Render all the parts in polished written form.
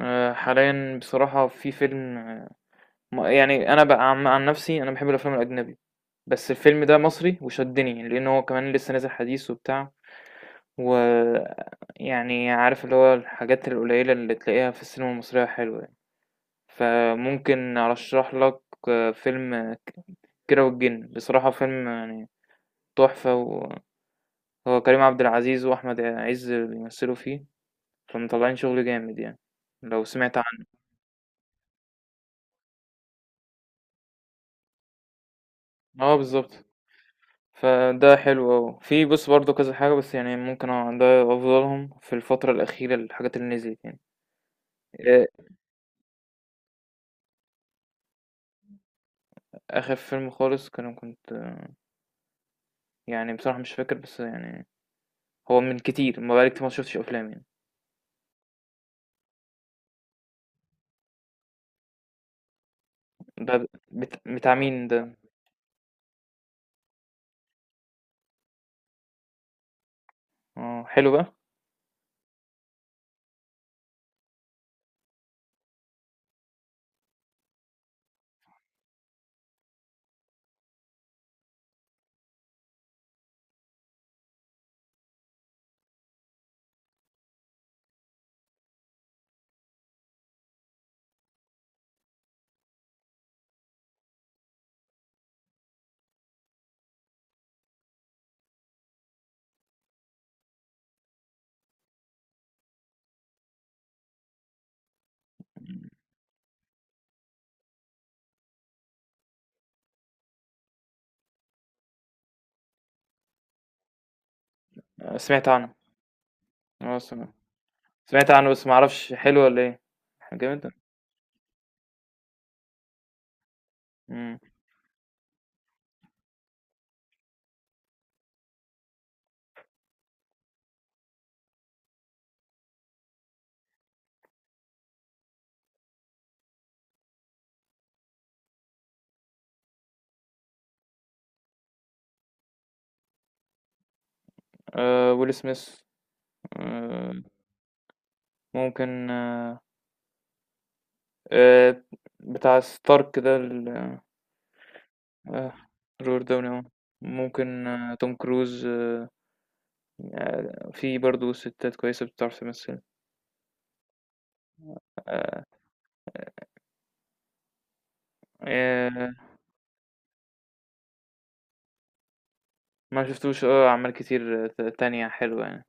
حاليا بصراحة في فيلم يعني أنا بقى عن نفسي. أنا بحب الأفلام الأجنبي، بس الفيلم ده مصري وشدني لأن هو كمان لسه نازل حديث وبتاع، ويعني عارف اللي هو الحاجات القليلة اللي تلاقيها في السينما المصرية حلوة يعني. فممكن أرشح لك فيلم كيرة والجن، بصراحة فيلم يعني تحفة. وهو كريم عبد العزيز وأحمد عز بيمثلوا فيه، فمطلعين شغل جامد يعني. لو سمعت عنه. اه، بالظبط. فده حلو أوي، في بص برضه كذا حاجة، بس يعني ممكن ده أفضلهم في الفترة الأخيرة، الحاجات اللي نزلت يعني. آه، آخر فيلم خالص كنت يعني بصراحة مش فاكر، بس يعني هو من كتير ما بقالي كتير ما شفتش أفلام يعني. ده بتاع مين ده؟ اه، حلو بقى. سمعت عنه. اه، سمعت عنه بس ما أعرفش حلو ولا إيه. جامد ده؟ مم. آه، ويل سميث. آه، ممكن. آه. آه، بتاع ستارك ده. آه، robert داوني آه. ممكن توم كروز في برضه ستات كويسة بتعرف تمثل. آه، آه، ما شفتوش اه، أعمال كتير تانية حلوة يعني.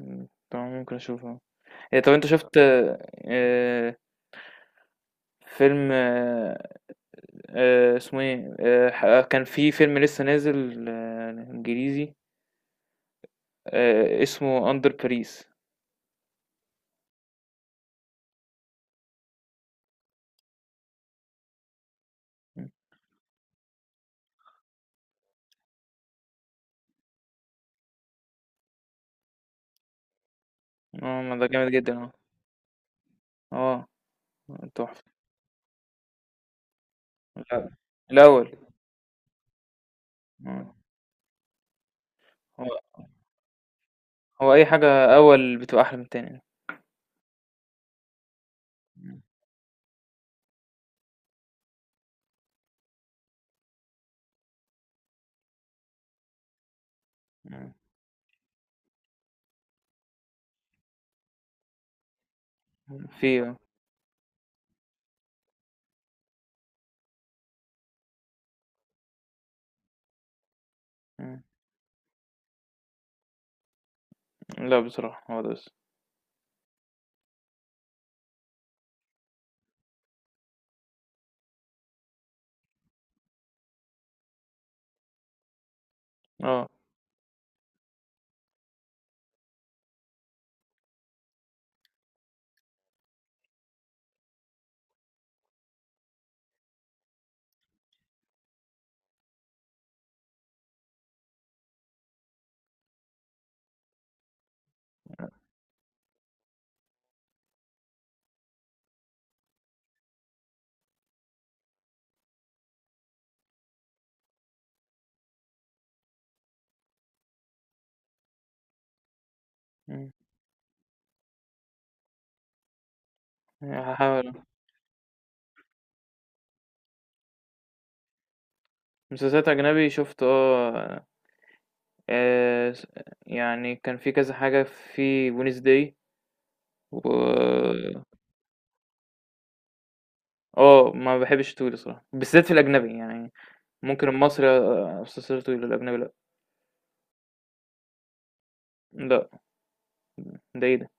مم، طبعا ممكن أشوفها. إيه، طب أنت شفت آه، فيلم اسمه ايه كان في فيلم لسه نازل إنجليزي اسمه أندر باريس. اه، ما ده جامد جدا، اه. اه. تحفة. لا. الأول. اه. هو أي حاجة أول بتبقى أحلى من التانية. إمم. إمم. إمم، في إمم. لأ، بصراحة هو ده بس. آه، إمم. هاحاول مسلسلات أجنبي شُفت س يعني كان في كذا حاجة في Wednesday و ما باحبش الطويل الصراحة، بالذات في الأجنبي يعني. ممكن المصري مسلسلات طويلة، الأجنبي لأ. لأ. ده إيه ده!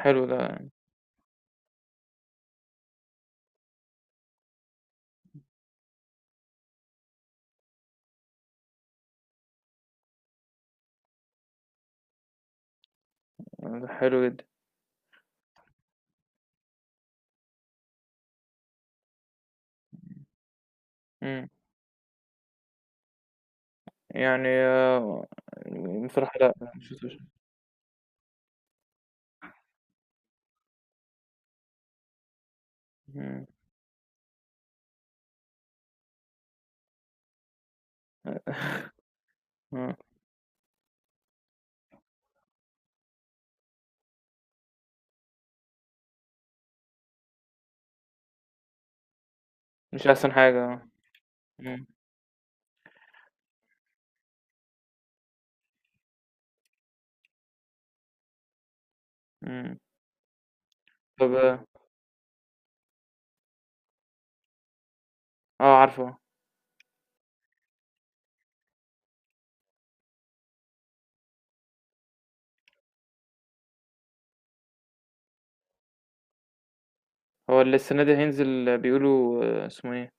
حلو ده. ده حلو جدًا. إمم. يعني بصراحة لأ، ما شفتوش. إمم. آه. مش أحسن حاجة إمم. إمم. طب آه. عارفه. هو اللي السنة دي هينزل بيقولوا اسمه إيه؟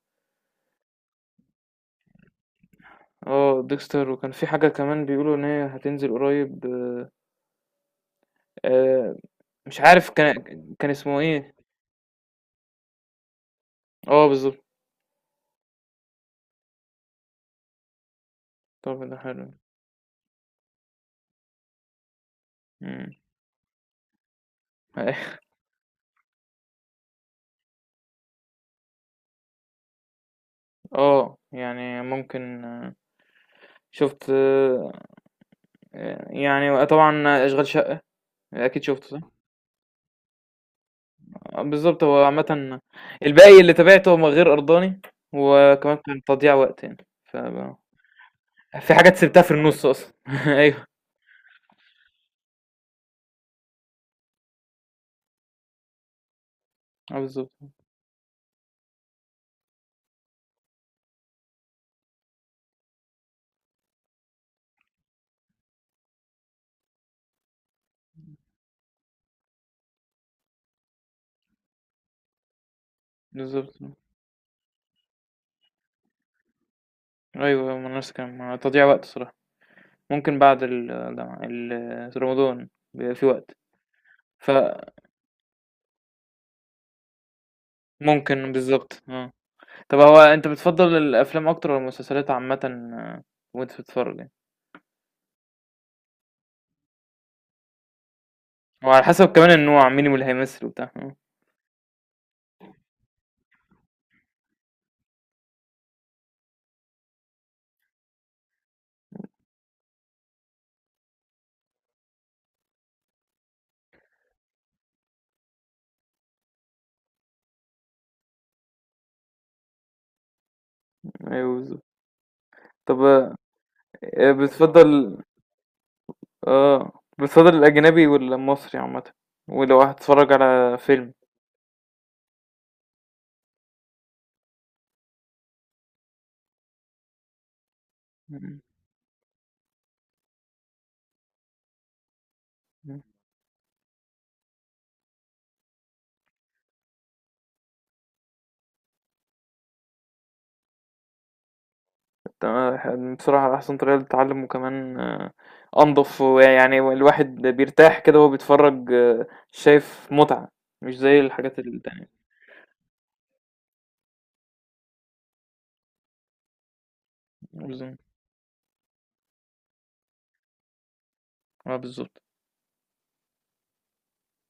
آه، Dexter. وكان في حاجة كمان بيقولوا إن هي هتنزل قريب. آآ، مش عارف، كان اسمه إيه. آه، بالضبط. طب ده حلو. إمم. يعني ممكن شُفت يعني طبعًا أشغال شقة. أكيد شُفته، صح؟ بالضبط. هو عامةً الباقي اللي تابعته هو غير أرضاني، وكمان كان تضييع وقت يعني. ف في حاجات سِبتها في النُص أصلًا. أيوه. آه، بالضبط. بالضبط آه. أيوه، أيوه، ما أنا نفس الكلام، ما تضييع وقت الصراحة. ممكن بعد الجامعة ال رمضان بيبقى في وقت. فممكن بالضبط، آه. طَب هو أنت بتفضّل الأفلام أكتر والّا المسلسلات عامةً آه، وأنت بتتفرّج يعني؟ هو على حسب كمان النوع، مين اللي هيمثل وبتاع، آه. أيوه، بالضبط. طَب بتفضّل بتفضّل الأجنبي والّا المصري عامةً ولو هتتفرّج على فيلم؟ إمم. إمم. تمام. بصراحة أحسن طريقة للتعلم، وكمان أنضف، ويعني الواحد بيرتاح كده وهو بيتفرج، شايف متعة، مش زي الحاجات التانية. مش زي- اه، بالظبط.